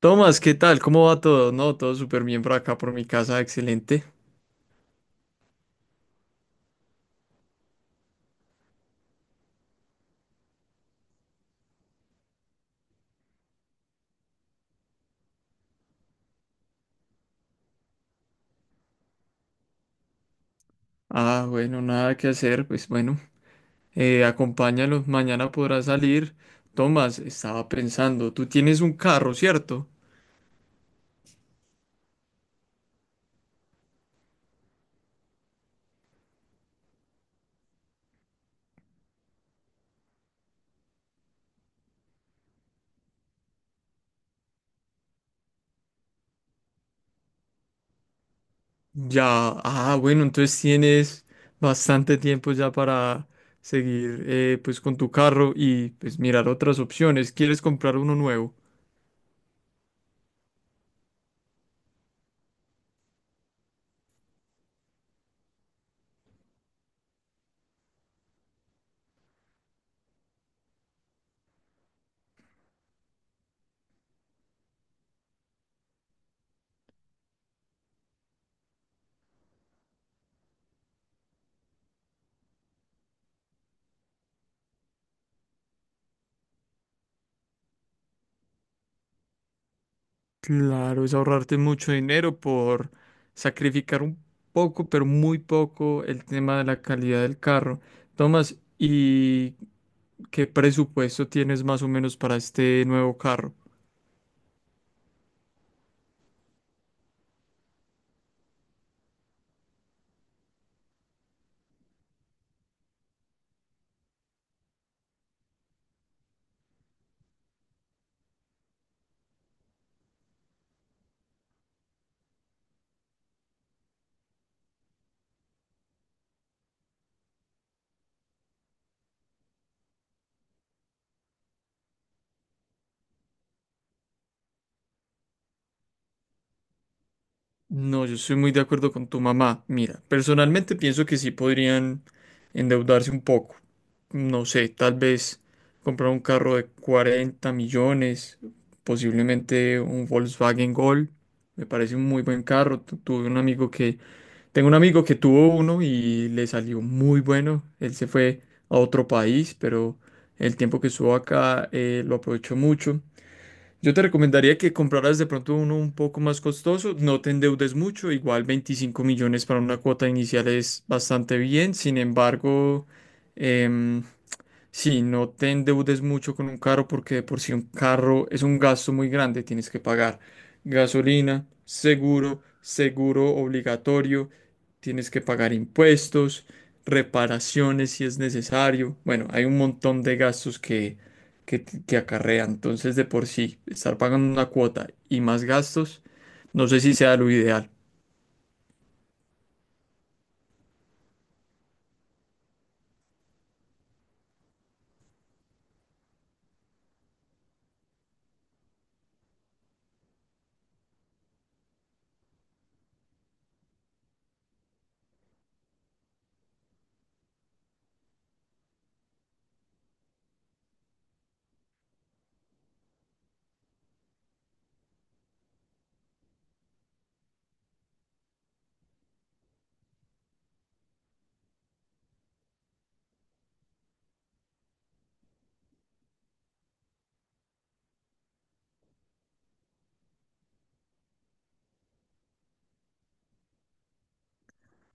Tomás, ¿qué tal? ¿Cómo va todo? No, todo súper bien por acá, por mi casa, excelente. Ah, bueno, nada que hacer, pues bueno, acompáñalo, mañana podrá salir. Tomás, estaba pensando, tú tienes un carro, ¿cierto? Ya, ah, bueno, entonces tienes bastante tiempo ya para seguir, pues con tu carro y pues mirar otras opciones. ¿Quieres comprar uno nuevo? Claro, es ahorrarte mucho dinero por sacrificar un poco, pero muy poco, el tema de la calidad del carro. Tomás, ¿y qué presupuesto tienes más o menos para este nuevo carro? No, yo estoy muy de acuerdo con tu mamá. Mira, personalmente pienso que sí podrían endeudarse un poco. No sé, tal vez comprar un carro de 40 millones, posiblemente un Volkswagen Gol. Me parece un muy buen carro. Tuve un amigo que. Tengo un amigo que tuvo uno y le salió muy bueno. Él se fue a otro país, pero el tiempo que estuvo acá lo aprovechó mucho. Yo te recomendaría que compraras de pronto uno un poco más costoso, no te endeudes mucho, igual 25 millones para una cuota inicial es bastante bien, sin embargo, em, sí, no te endeudes mucho con un carro porque de por sí un carro es un gasto muy grande, tienes que pagar gasolina, seguro, seguro obligatorio, tienes que pagar impuestos, reparaciones si es necesario. Bueno, hay un montón de gastos que acarrea. Entonces, de por sí, estar pagando una cuota y más gastos, no sé si sea lo ideal.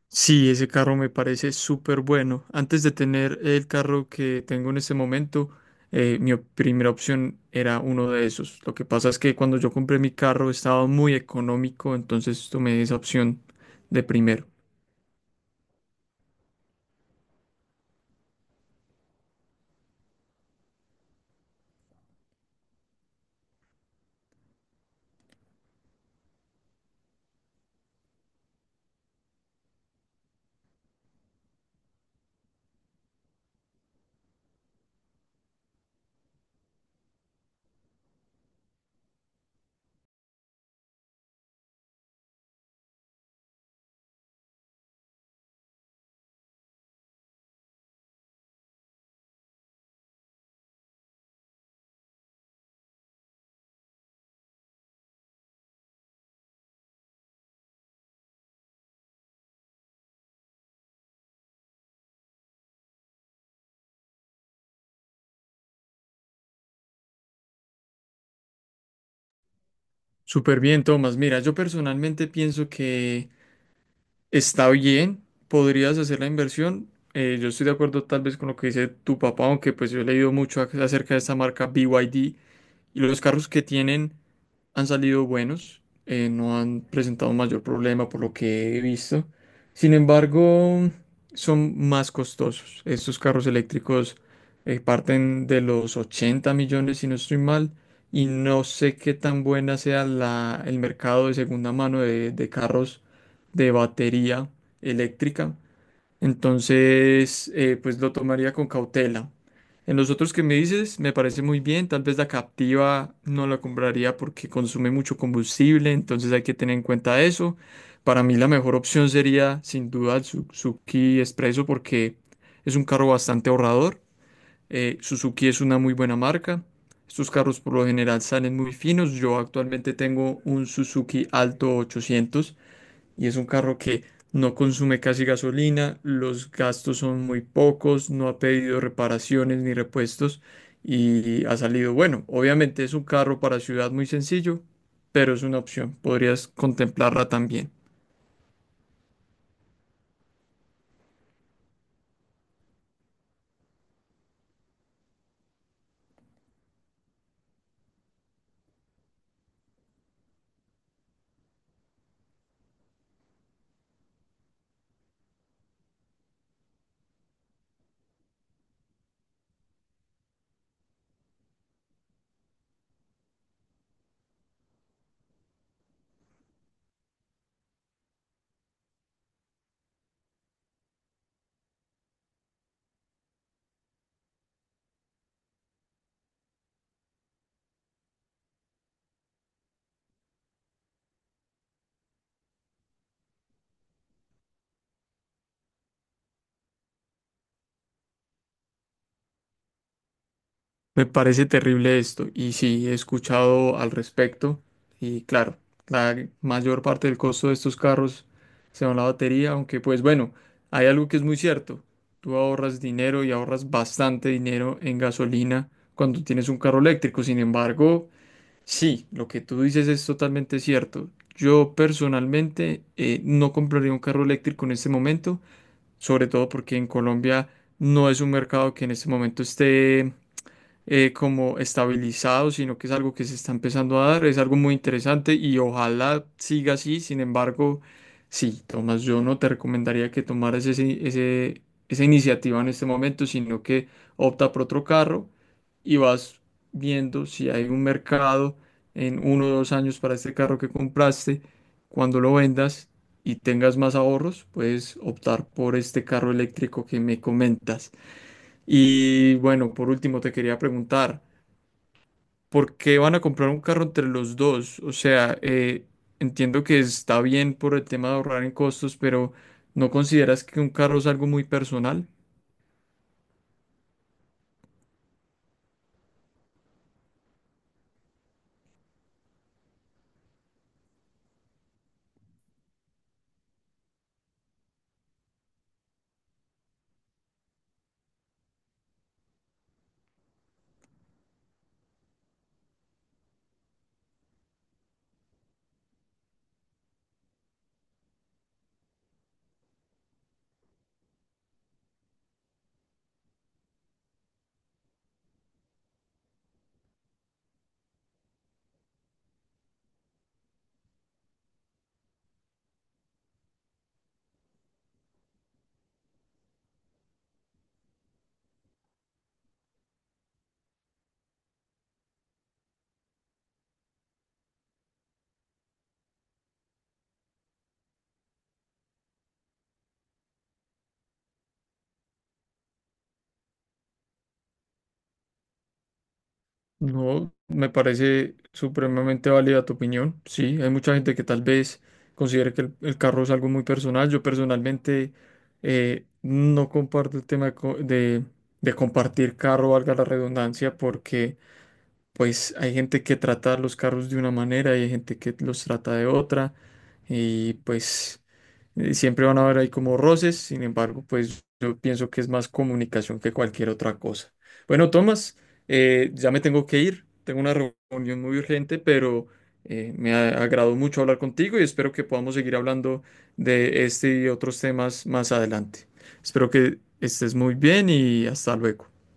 Sí, ese carro me parece súper bueno. Antes de tener el carro que tengo en este momento, primera opción era uno de esos. Lo que pasa es que cuando yo compré mi carro estaba muy económico, entonces tomé esa opción de primero. Súper bien, Tomás. Mira, yo personalmente pienso que está bien, podrías hacer la inversión. Yo estoy de acuerdo tal vez con lo que dice tu papá, aunque pues yo he leído mucho acerca de esta marca BYD y los carros que tienen han salido buenos, no han presentado mayor problema por lo que he visto. Sin embargo, son más costosos. Estos carros eléctricos parten de los 80 millones, si no estoy mal, y no sé qué tan buena sea el mercado de segunda mano de carros de batería eléctrica. Entonces, pues lo tomaría con cautela. En los otros que me dices, me parece muy bien. Tal vez la Captiva no la compraría porque consume mucho combustible, entonces hay que tener en cuenta eso. Para mí la mejor opción sería sin duda el Suzuki Expresso porque es un carro bastante ahorrador. Suzuki es una muy buena marca. Estos carros por lo general salen muy finos. Yo actualmente tengo un Suzuki Alto 800 y es un carro que no consume casi gasolina, los gastos son muy pocos, no ha pedido reparaciones ni repuestos y ha salido bueno. Obviamente es un carro para ciudad muy sencillo, pero es una opción, podrías contemplarla también. Me parece terrible esto y sí, he escuchado al respecto y claro, la mayor parte del costo de estos carros se va a la batería, aunque pues bueno, hay algo que es muy cierto, tú ahorras dinero y ahorras bastante dinero en gasolina cuando tienes un carro eléctrico, sin embargo, sí, lo que tú dices es totalmente cierto. Yo personalmente no compraría un carro eléctrico en este momento, sobre todo porque en Colombia no es un mercado que en este momento esté como estabilizado, sino que es algo que se está empezando a dar, es algo muy interesante y ojalá siga así, sin embargo, sí, Tomás, yo no te recomendaría que tomaras esa iniciativa en este momento, sino que opta por otro carro y vas viendo si hay un mercado en 1 o 2 años para este carro que compraste, cuando lo vendas. Y tengas más ahorros, puedes optar por este carro eléctrico que me comentas. Y bueno, por último te quería preguntar, ¿por qué van a comprar un carro entre los dos? O sea, entiendo que está bien por el tema de ahorrar en costos, pero ¿no consideras que un carro es algo muy personal? No, me parece supremamente válida tu opinión. Sí, hay mucha gente que tal vez considere que el carro es algo muy personal. Yo personalmente no comparto el tema de de compartir carro, valga la redundancia, porque pues hay gente que trata los carros de una manera y hay gente que los trata de otra y pues siempre van a haber ahí como roces, sin embargo, pues yo pienso que es más comunicación que cualquier otra cosa. Bueno, Tomás, ya me tengo que ir, tengo una reunión muy urgente, pero agradó mucho hablar contigo y espero que podamos seguir hablando de este y otros temas más adelante. Espero que estés muy bien y hasta luego.